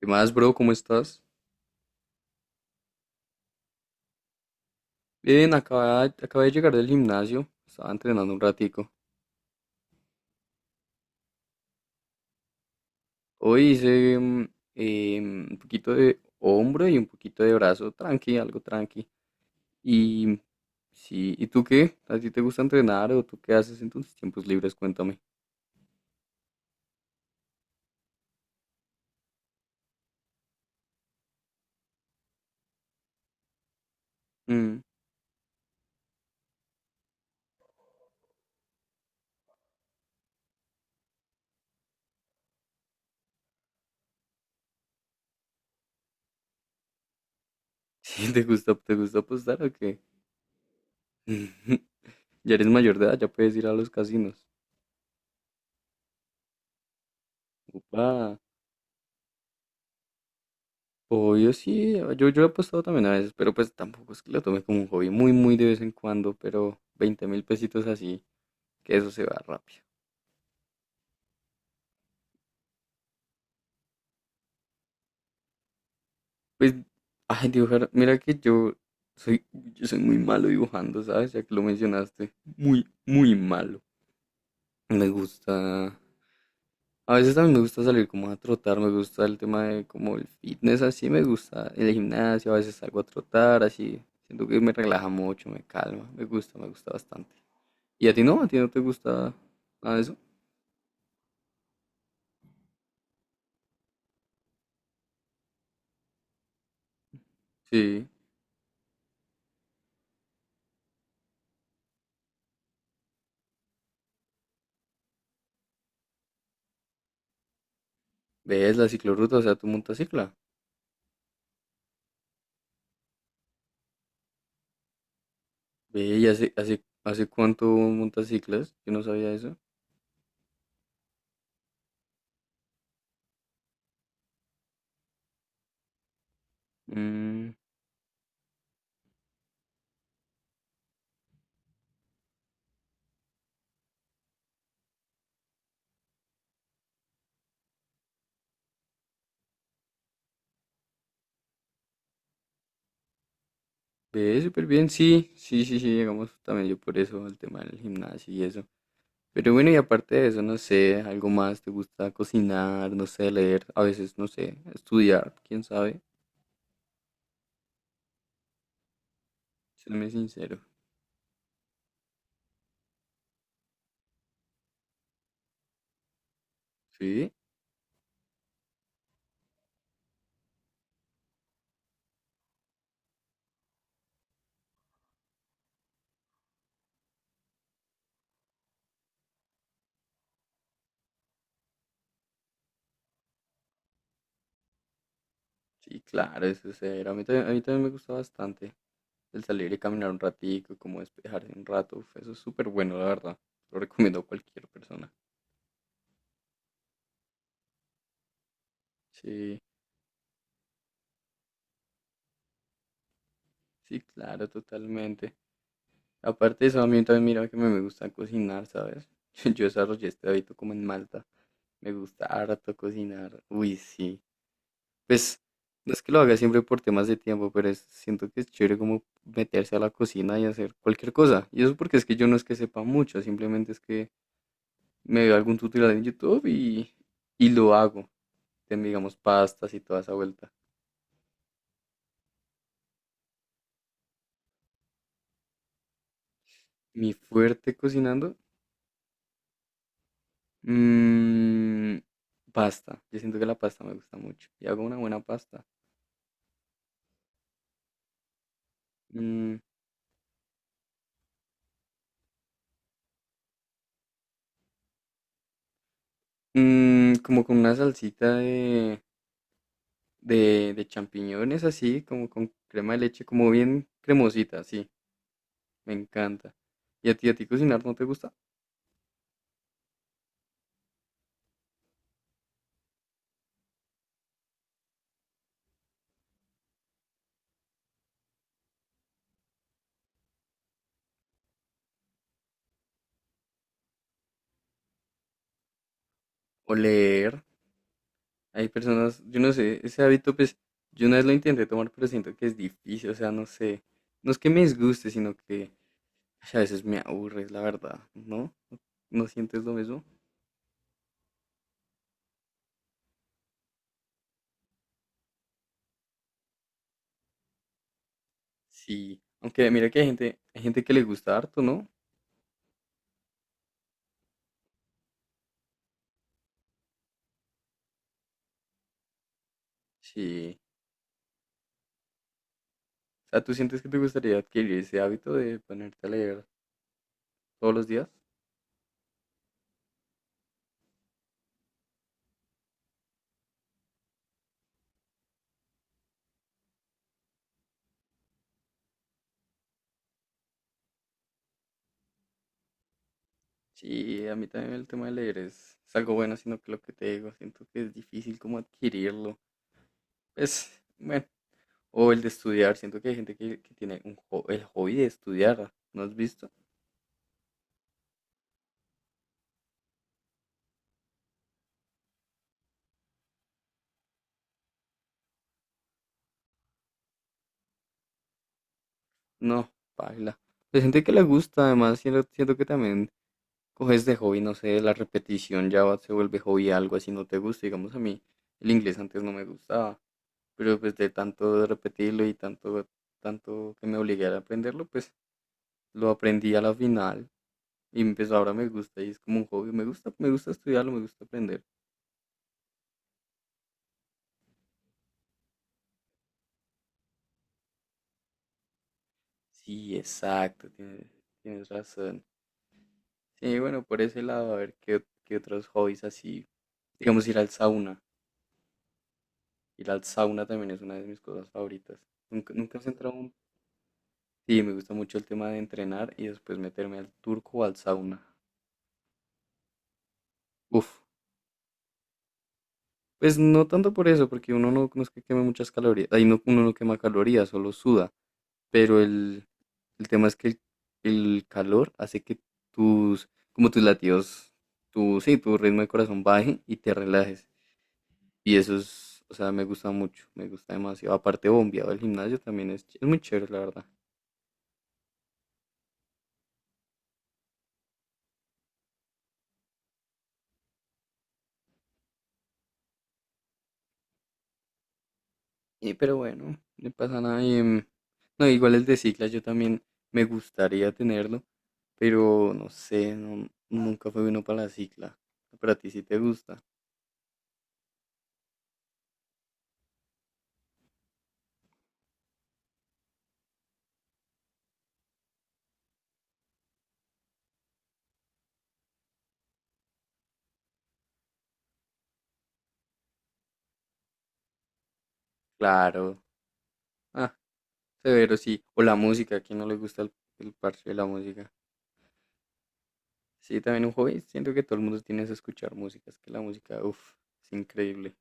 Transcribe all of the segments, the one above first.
¿Qué más, bro? ¿Cómo estás? Bien, acabé de llegar del gimnasio. Estaba entrenando un ratico. Hoy hice un poquito de hombro y un poquito de brazo. Tranqui, algo tranqui. Y sí, ¿y tú qué? ¿A ti te gusta entrenar o tú qué haces en tus tiempos libres? Cuéntame. Mm. ¿Sí te gusta apostar o qué? Ya eres mayor de edad, ya puedes ir a los casinos. Upa. Obvio, sí, yo he apostado también a veces, pero pues tampoco es que lo tome como un hobby, muy, muy de vez en cuando, pero 20.000 pesitos así, que eso se va rápido. Pues, ay, dibujar, mira que yo soy muy malo dibujando, ¿sabes? Ya que lo mencionaste, muy, muy malo. Me gusta, a veces también me gusta salir como a trotar, me gusta el tema de como el fitness, así me gusta, el gimnasio, a veces salgo a trotar, así, siento que me relaja mucho, me calma, me gusta bastante. ¿Y a ti no? ¿A ti no te gusta nada de eso? Sí. ¿Ves la ciclorruta? O sea, tú montas cicla. Ve, ¿y hace cuánto montas ciclas? Yo no sabía eso. Mm, ve, súper bien. Sí, sí, sí, sí. Llegamos también yo por eso, al tema del gimnasio y eso. Pero bueno, y aparte de eso, no sé, algo más. ¿Te gusta cocinar? No sé, leer. A veces, no sé, estudiar. ¿Quién sabe? Séme sincero. Sí, sí, claro, eso es cero. A mí también me gusta bastante. El salir y caminar un ratico, como despejarse un rato, uf, eso es súper bueno, la verdad. Lo recomiendo a cualquier persona. Sí, sí, claro, totalmente. Aparte de eso, a mí también mira que me gusta cocinar, ¿sabes? Yo desarrollé este hábito como en Malta. Me gusta harto cocinar. Uy, sí. Pues no es que lo haga siempre por temas de tiempo, pero siento que es chévere como meterse a la cocina y hacer cualquier cosa. Y eso porque es que yo no es que sepa mucho, simplemente es que me veo algún tutorial en YouTube y lo hago. Digamos, pastas y toda esa vuelta. Mi fuerte cocinando, mm, pasta. Yo siento que la pasta me gusta mucho. Y hago una buena pasta. Mm, como con una salsita de, de champiñones así, como con crema de leche, como bien cremosita, sí. Me encanta. ¿Y a ti cocinar no te gusta? O leer. Hay personas, yo no sé, ese hábito, pues, yo una vez lo intenté tomar, pero siento que es difícil, o sea, no sé. No es que me disguste, sino que a veces me aburres, la verdad, ¿no? ¿No sientes lo mismo? Sí. Aunque mira que hay gente que le gusta harto, ¿no? Sí. O sea, ¿tú sientes que te gustaría adquirir ese hábito de ponerte a leer todos los días? Sí, a mí también el tema de leer es algo bueno, sino que lo que te digo, siento que es difícil como adquirirlo. Es, bueno, o el de estudiar, siento que hay gente que tiene un el hobby de estudiar, ¿no has visto? No, paila. Hay gente que le gusta, además, siento, siento que también coges de hobby, no sé, la repetición ya se vuelve hobby algo así, no te gusta, digamos a mí, el inglés antes no me gustaba, pero pues de tanto de repetirlo y tanto, tanto que me obligué a aprenderlo, pues lo aprendí a la final y pues ahora me gusta y es como un hobby, me gusta estudiarlo, me gusta aprender. Sí, exacto, tienes razón. Sí, bueno, por ese lado, a ver qué, qué otros hobbies así, digamos ir al sauna también es una de mis cosas favoritas. Nunca, nunca has entrado. Sí, me gusta mucho el tema de entrenar y después meterme al turco o al sauna. Uf, pues no tanto por eso, porque uno no, no es que queme muchas calorías, ahí no, uno no quema calorías, solo suda, pero el tema es que el calor hace que tus, como tus latidos, tu, sí, tu ritmo de corazón baje y te relajes. Y eso es, o sea, me gusta mucho, me gusta demasiado. Aparte, bombeado el gimnasio también es, es muy chévere, la verdad. Y pero bueno, no pasa nada. No, igual el de cicla yo también me gustaría tenerlo, pero no sé, no, nunca fue bueno para la cicla. Pero a ti sí te gusta. Claro. Ah, severo, sí. O la música, ¿a quién no le gusta el parche de la música? Sí, también un hobby. Siento que todo el mundo tiene que escuchar música. Es que la música, uff, es increíble.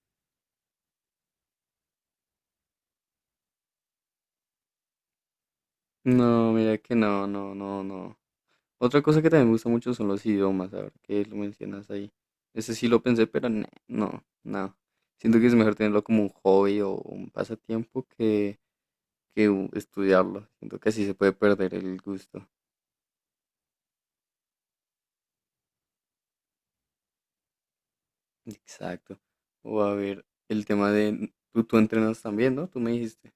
No, mira que no, no, no, no. Otra cosa que también me gusta mucho son los idiomas, ahora que lo mencionas ahí. Ese sí lo pensé, pero nah, no, no. Siento que es mejor tenerlo como un hobby o un pasatiempo que estudiarlo. Siento que así se puede perder el gusto. Exacto. O a ver, el tema de... Tú entrenas también, ¿no? Tú me dijiste.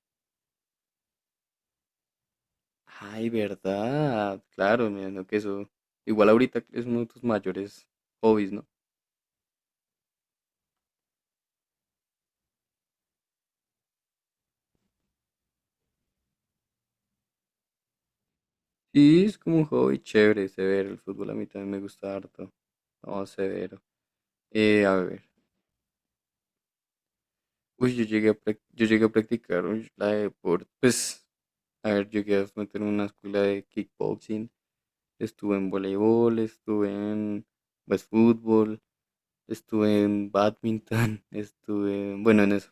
Ay, verdad. Claro, me imagino que eso... Igual ahorita es uno de tus mayores hobbies, ¿no? Sí, es como un hobby chévere, severo. El fútbol a mí también me gusta harto. No, severo. A ver, uy, yo llegué a practicar uy, la de deporte, pues, a ver, llegué a meter en una escuela de kickboxing, estuve en voleibol, estuve en, pues, fútbol, estuve en badminton, estuve, bueno, en eso.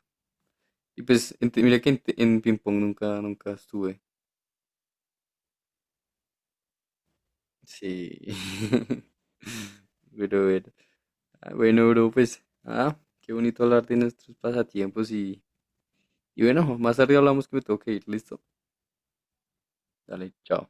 Y pues, mira que en, en ping pong nunca, nunca estuve. Sí. Pero bueno, ah, bueno, bro, pues, ah, qué bonito hablar de nuestros pasatiempos y bueno, más tarde hablamos que me tengo que ir, ¿listo? Dale, chao.